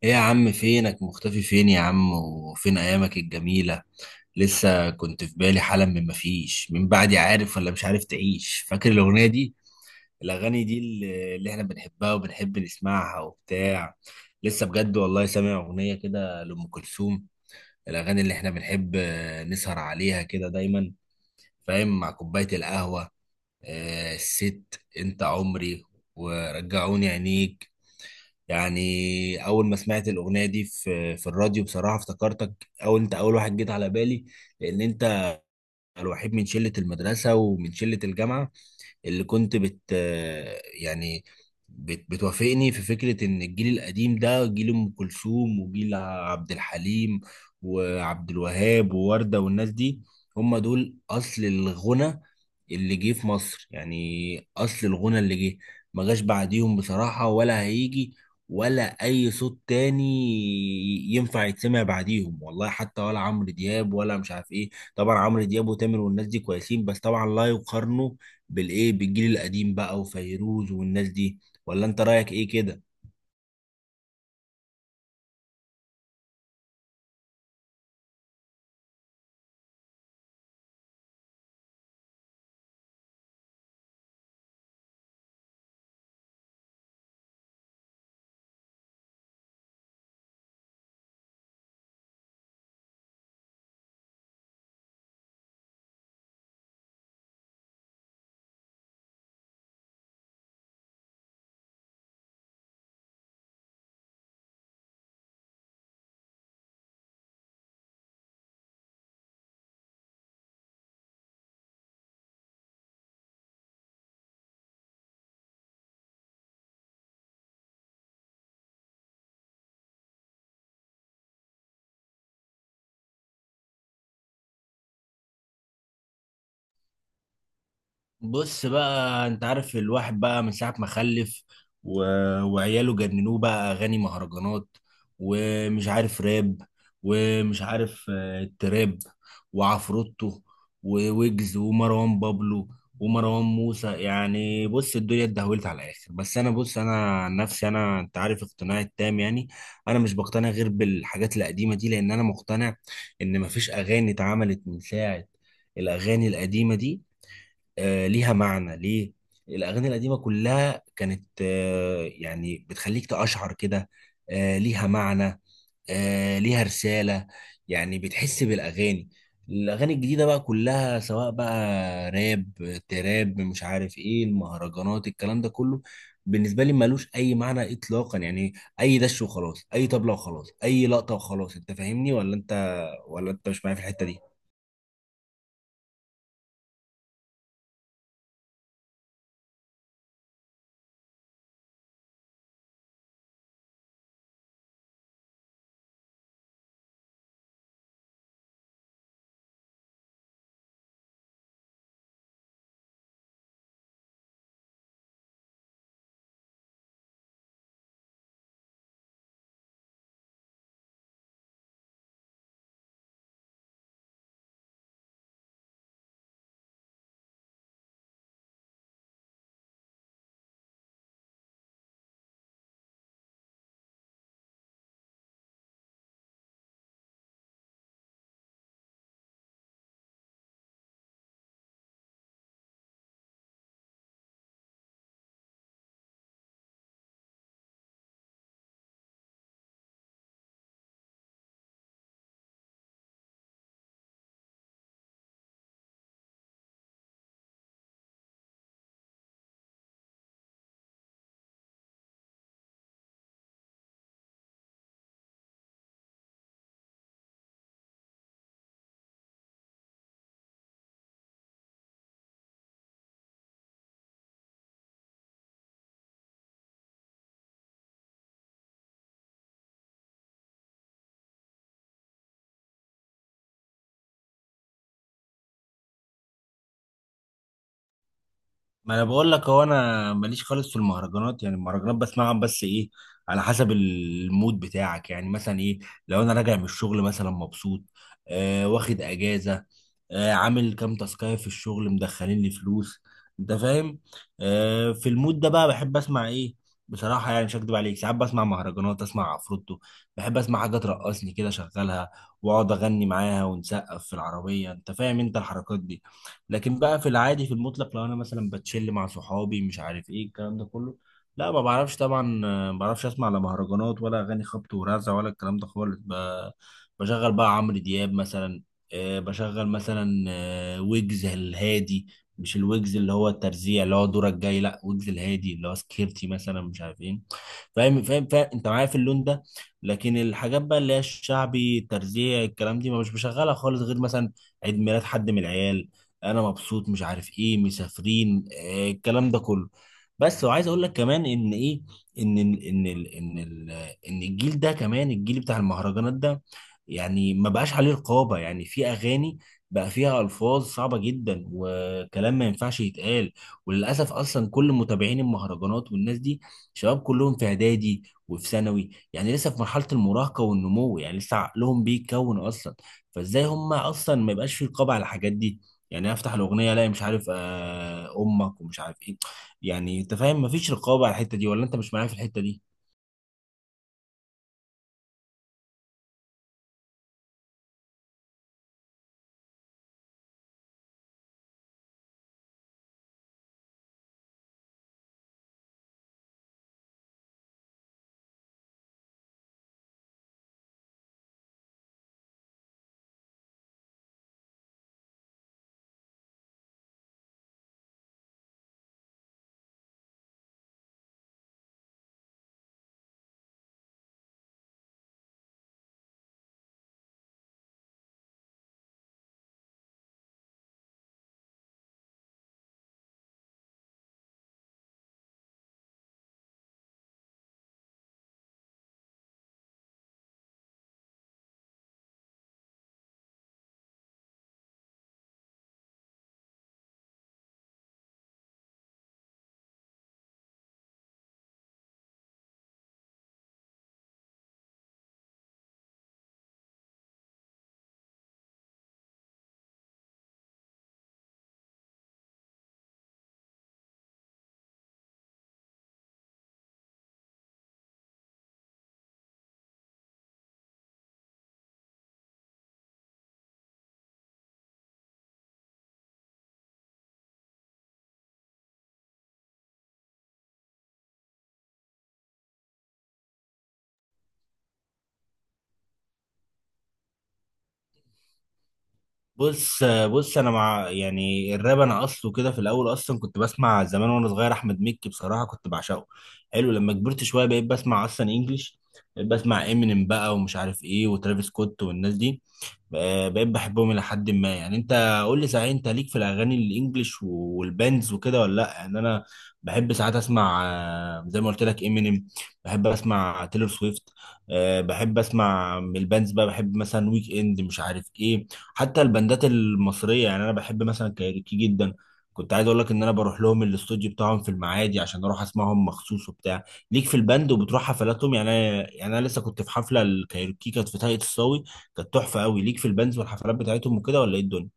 ايه يا عم، فينك؟ مختفي فين يا عم؟ وفين ايامك الجميلة؟ لسه كنت في بالي حالا. مفيش من بعدي، عارف ولا مش عارف تعيش، فاكر الاغنية دي؟ الاغاني دي اللي احنا بنحبها وبنحب نسمعها وبتاع. لسه بجد والله سامع اغنية كده لأم كلثوم. الاغاني اللي احنا بنحب نسهر عليها كده دايما، فاهم؟ مع كوباية القهوة. الست، انت عمري، ورجعوني عينيك. يعني اول ما سمعت الاغنيه دي في الراديو، بصراحه افتكرتك، او انت اول واحد جيت على بالي. لان انت الوحيد من شله المدرسه ومن شله الجامعه اللي كنت يعني بتوافقني في فكرة إن الجيل القديم ده جيل أم كلثوم وجيل عبد الحليم وعبد الوهاب ووردة والناس دي. هم دول أصل الغنى اللي جه في مصر، يعني أصل الغنى اللي جه ما جاش بعديهم بصراحة، ولا هيجي ولا أي صوت تاني ينفع يتسمع بعديهم والله، حتى ولا عمرو دياب ولا مش عارف إيه. طبعا عمرو دياب وتامر والناس دي كويسين، بس طبعا لا يقارنوا بالايه، بالجيل القديم بقى وفيروز والناس دي. ولا انت رايك ايه كده؟ بص بقى، انت عارف الواحد بقى من ساعة ما خلف و... وعياله جننوه بقى، اغاني مهرجانات ومش عارف راب ومش عارف تراب وعفروتو وويجز ومروان بابلو ومروان موسى. يعني بص، الدنيا اتدهولت على الاخر. بس انا، بص انا عن نفسي، انا انت عارف اقتناعي التام يعني. انا مش بقتنع غير بالحاجات القديمة دي، لان انا مقتنع ان مفيش اغاني اتعملت من ساعة الاغاني القديمة دي. ليها معنى ليه؟ الاغاني القديمه كلها كانت يعني بتخليك تقشعر كده. ليها معنى، ليها رساله، يعني بتحس بالاغاني. الاغاني الجديده بقى كلها، سواء بقى راب، تراب، مش عارف ايه، المهرجانات، الكلام ده كله، بالنسبه لي ملوش اي معنى اطلاقا يعني. اي دش وخلاص، اي طبله وخلاص، اي لقطه وخلاص. انت فاهمني ولا انت مش معايا في الحته دي؟ ما انا بقول لك، هو انا ماليش خالص في المهرجانات. يعني المهرجانات بسمعها، بس ايه؟ على حسب المود بتاعك. يعني مثلا ايه، لو انا راجع من الشغل مثلا مبسوط، واخد اجازه، عامل كام تاسكايه في الشغل، مدخلين لي فلوس، انت فاهم؟ في المود ده بقى بحب اسمع ايه؟ بصراحه، يعني مش هكدب عليك، ساعات بسمع مهرجانات، اسمع عفروتو. بحب اسمع حاجه ترقصني كده، اشغلها واقعد اغني معاها ونسقف في العربيه، انت فاهم انت الحركات دي؟ لكن بقى في العادي، في المطلق، لو انا مثلا بتشل مع صحابي مش عارف ايه الكلام ده كله، لا، ما بعرفش طبعا. ما بعرفش اسمع لا مهرجانات ولا اغاني خبط ورزع ولا الكلام ده خالص. بشغل بقى عمرو دياب مثلا. بشغل مثلا ويجز الهادي. مش الويجز اللي هو الترزيع اللي هو دورك جاي، لا، ويجز الهادي اللي هو سكيرتي مثلا مش عارف ايه. فاهم فاهم فاهم، انت معايا في اللون ده؟ لكن الحاجات بقى اللي هي الشعبي، الترزيع، الكلام دي ما مش بشغلها خالص غير مثلا عيد ميلاد حد من العيال، انا مبسوط مش عارف ايه مسافرين الكلام ده كله. بس وعايز اقول لك كمان ان ايه، ان ال- ان ال ان ال ان الجيل ده كمان، الجيل بتاع المهرجانات ده، يعني ما بقاش عليه رقابة. يعني في اغاني بقى فيها الفاظ صعبة جدا وكلام ما ينفعش يتقال. وللاسف اصلا كل متابعين المهرجانات والناس دي شباب كلهم في اعدادي وفي ثانوي، يعني لسه في مرحلة المراهقة والنمو، يعني لسه عقلهم بيتكون اصلا. فازاي هم اصلا ما يبقاش في رقابة على الحاجات دي؟ يعني أنا افتح الاغنيه الاقي مش عارف امك ومش عارف ايه. يعني انت فاهم؟ مفيش رقابه على الحته دي ولا انت مش معايا في الحته دي؟ بص انا مع يعني الراب، انا اصله كده في الاول اصلا كنت بسمع زمان وانا صغير احمد مكي بصراحه كنت بعشقه، حلو. لما كبرت شويه بقيت بسمع اصلا انجليش. بقيت بسمع امينيم بقى ومش عارف ايه وترافيس سكوت والناس دي. بقى- بقيت بحبهم الى حد ما. يعني انت قول لي صحيح، انت ليك في الاغاني الانجليش والباندز وكده ولا لا؟ يعني انا بحب ساعات اسمع زي ما قلت لك امينيم، بحب اسمع تيلور سويفت، بحب اسمع من الباندز بقى، بحب مثلا ويك اند مش عارف ايه. حتى البندات المصريه يعني انا بحب مثلا كايروكي جدا. كنت عايز اقول لك ان انا بروح لهم الاستوديو بتاعهم في المعادي عشان اروح اسمعهم مخصوص وبتاع. ليك في البند وبتروح حفلاتهم؟ يعني انا لسه كنت في حفله الكايروكي، كانت في طاقية الصاوي، كانت تحفه قوي. ليك في البندز والحفلات بتاعتهم وكده، ولا ايه الدنيا؟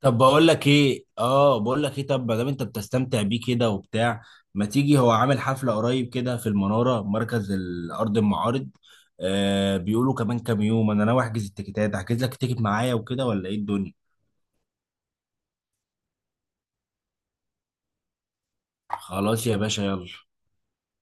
طب بقول لك ايه، طب ما دام انت بتستمتع بيه كده وبتاع، ما تيجي؟ هو عامل حفله قريب كده في المناره مركز الارض المعارض. بيقولوا كمان كام يوم، انا ناوي احجز التيكيتات، احجز لك التيكت معايا وكده ولا ايه الدنيا؟ خلاص يا باشا، يلا.